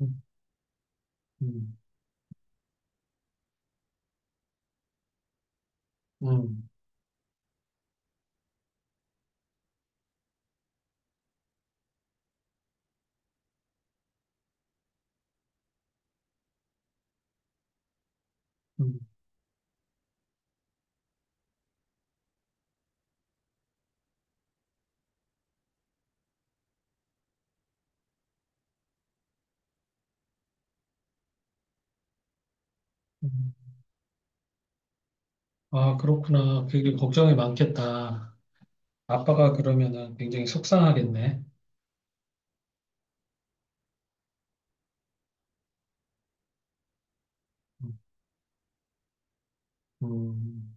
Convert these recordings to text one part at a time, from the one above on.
음, 음, 음, 음, 음. 아, 그렇구나. 그게 걱정이 많겠다. 아빠가 그러면은 굉장히 속상하겠네. 음, 음,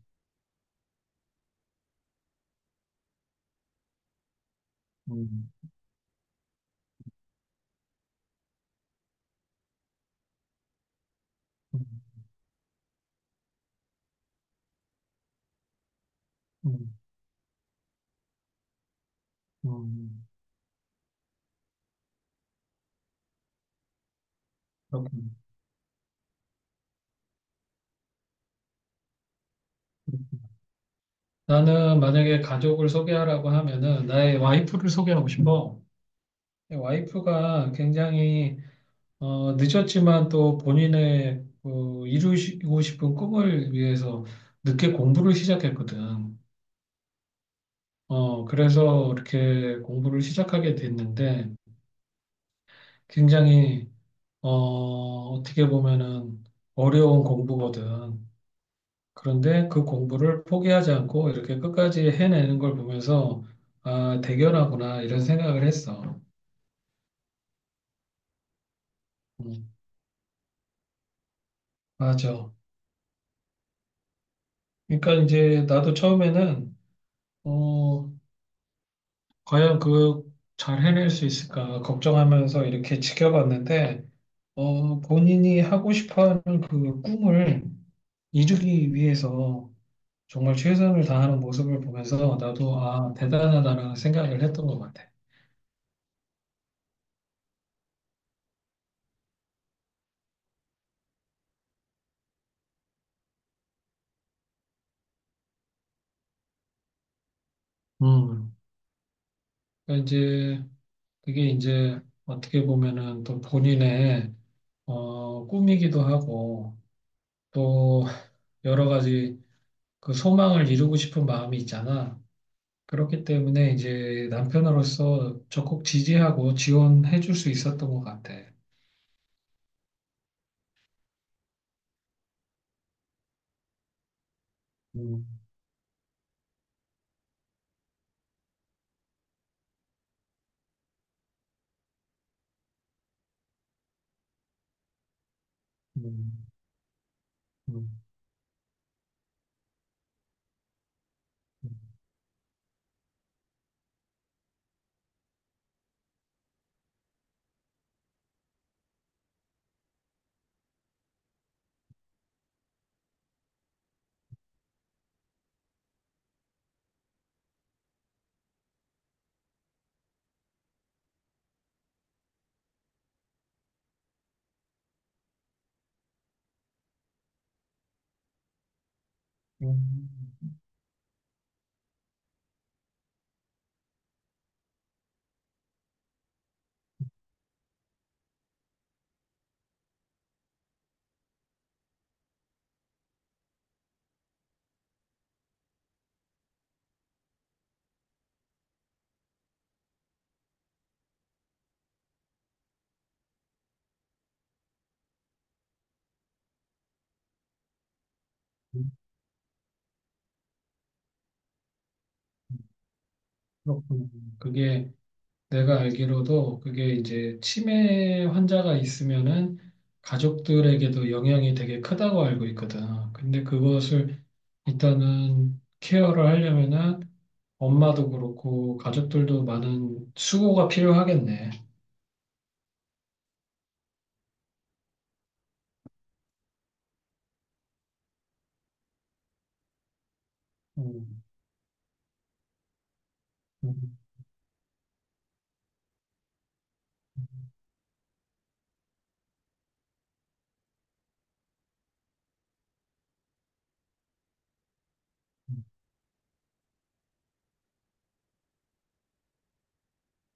음, 음, 음, 음. 그렇구나. 나는 만약에 가족을 소개하라고 하면은 나의 와이프를 소개하고 싶어. 와이프가 굉장히 늦었지만 또 본인의 그 이루시고 싶은 꿈을 위해서 늦게 공부를 시작했거든. 그래서 이렇게 공부를 시작하게 됐는데 굉장히 어, 어떻게 보면은 어려운 공부거든. 그런데 그 공부를 포기하지 않고 이렇게 끝까지 해내는 걸 보면서 아, 대견하구나 이런 생각을 했어. 음, 맞아. 그러니까 이제 나도 처음에는 어, 과연 그 잘 해낼 수 있을까 걱정하면서 이렇게 지켜봤는데 본인이 하고 싶어 하는 그 꿈을 이루기 위해서 정말 최선을 다하는 모습을 보면서 나도 아, 대단하다라는 생각을 했던 것 같아. 음. 그러니까 이제 그게 이제 어떻게 보면은 또 본인의 꿈이기도 하고 또 여러 가지 그 소망을 이루고 싶은 마음이 있잖아. 그렇기 때문에 이제 남편으로서 적극 지지하고 지원해 줄 수 있었던 것 같아. 음, 음, 음, 음, 음, 그렇구나. 그게 내가 알기로도 그게 이제 치매 환자가 있으면은 가족들에게도 영향이 되게 크다고 알고 있거든. 근데 그것을 일단은 케어를 하려면은 엄마도 그렇고 가족들도 많은 수고가 필요하겠네. 음, 음,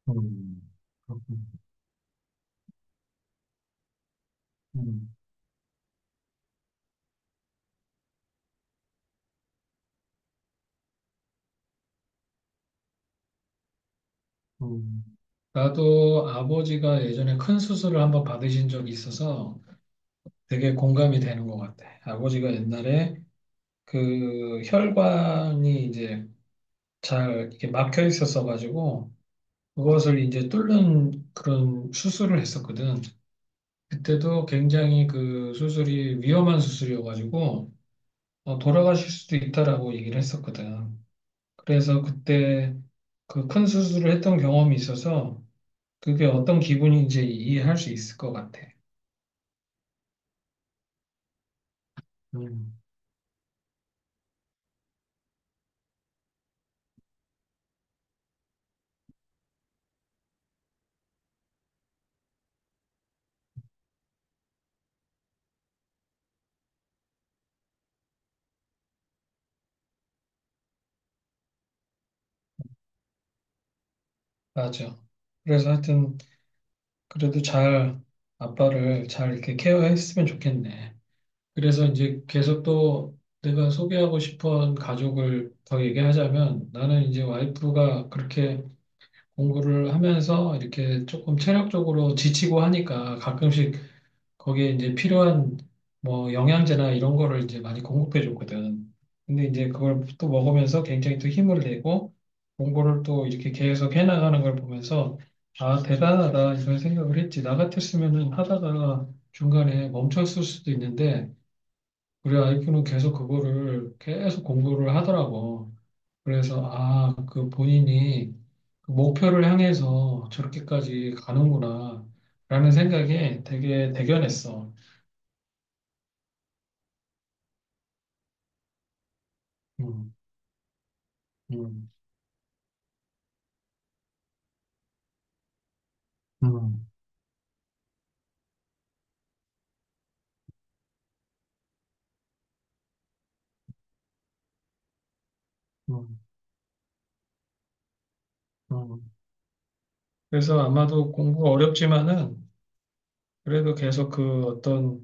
음, 그렇군. 음, 음. 나도 아버지가 예전에 큰 수술을 한번 받으신 적이 있어서 되게 공감이 되는 것 같아. 아버지가 옛날에 그 혈관이 이제 잘 이렇게 막혀 있었어 가지고 그것을 이제 뚫는 그런 수술을 했었거든. 그때도 굉장히 그 수술이 위험한 수술이어 가지고 돌아가실 수도 있다라고 얘기를 했었거든. 그래서 그때 그 큰 수술을 했던 경험이 있어서 그게 어떤 기분인지 이해할 수 있을 것 같아. 음, 맞아. 그래서 하여튼 그래도 잘 아빠를 잘 이렇게 케어했으면 좋겠네. 그래서 이제 계속 또 내가 소개하고 싶은 가족을 더 얘기하자면 나는 이제 와이프가 그렇게 공부를 하면서 이렇게 조금 체력적으로 지치고 하니까 가끔씩 거기에 이제 필요한 뭐 영양제나 이런 거를 이제 많이 공급해 줬거든. 근데 이제 그걸 또 먹으면서 굉장히 또 힘을 내고 공부를 또 이렇게 계속 해나가는 걸 보면서 아, 대단하다 이런 생각을 했지. 나 같았으면은 하다가 중간에 멈췄을 수도 있는데 우리 와이프는 계속 그거를 계속 공부를 하더라고. 그래서, 아, 그 본인이 그 목표를 향해서 저렇게까지 가는구나, 라는 생각에 되게 대견했어. 음, 음, 음, 음, 음. 그래서 아마도 공부가 어렵지만은 그래도 계속 그 어떤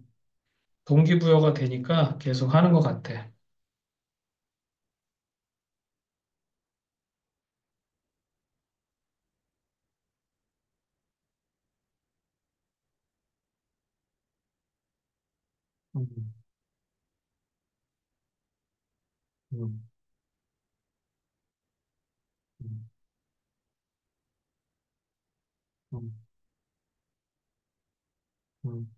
동기부여가 되니까 계속 하는 것 같아. 음, 음, 음, 음, 음.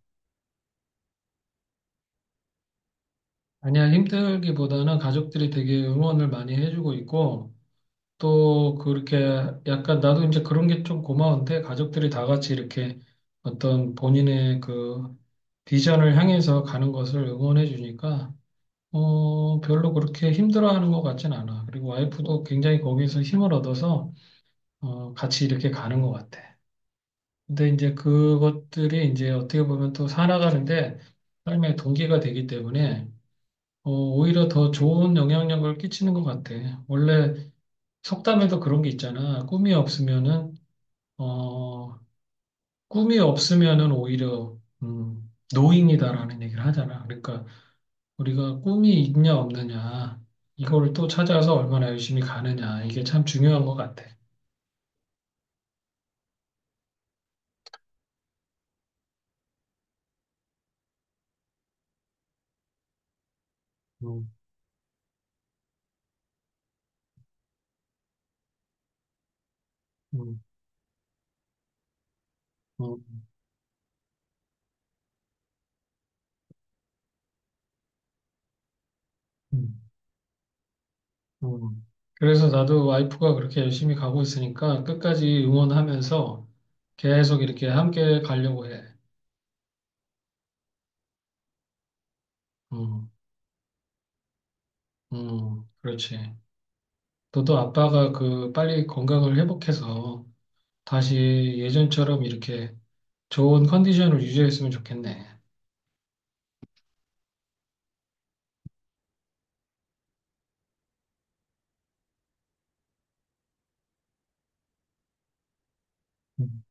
아니야, 힘들기보다는 가족들이 되게 응원을 많이 해주고 있고, 또 그렇게 약간 나도 이제 그런 게 좀 고마운데 가족들이 다 같이 이렇게 어떤 본인의 그 비전을 향해서 가는 것을 응원해 주니까 별로 그렇게 힘들어하는 것 같진 않아. 그리고 와이프도 굉장히 거기에서 힘을 얻어서 같이 이렇게 가는 것 같아. 근데 이제 그것들이 이제 어떻게 보면 또 살아가는데 삶의 동기가 되기 때문에 오히려 더 좋은 영향력을 끼치는 것 같아. 원래 속담에도 그런 게 있잖아. 꿈이 없으면은 어, 오히려 노인이다라는 얘기를 하잖아. 그러니까 우리가 꿈이 있냐 없느냐 이거를 또 찾아서 얼마나 열심히 가느냐 이게 참 중요한 것 같아. 음, 음, 음, 음, 음. 그래서 나도 와이프가 그렇게 열심히 가고 있으니까 끝까지 응원하면서 계속 이렇게 함께 가려고 해. 음, 그렇지. 너도 아빠가 그 빨리 건강을 회복해서 다시 예전처럼 이렇게 좋은 컨디션을 유지했으면 좋겠네. 음,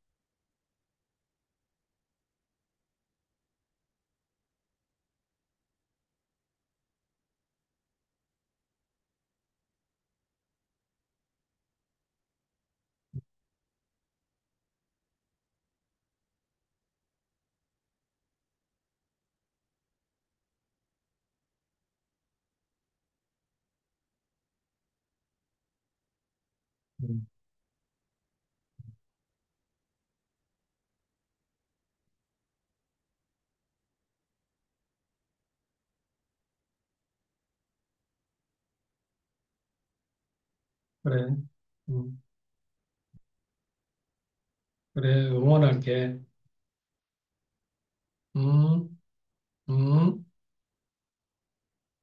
음. 그래. 음, 그래. 응원할게. 음, 음.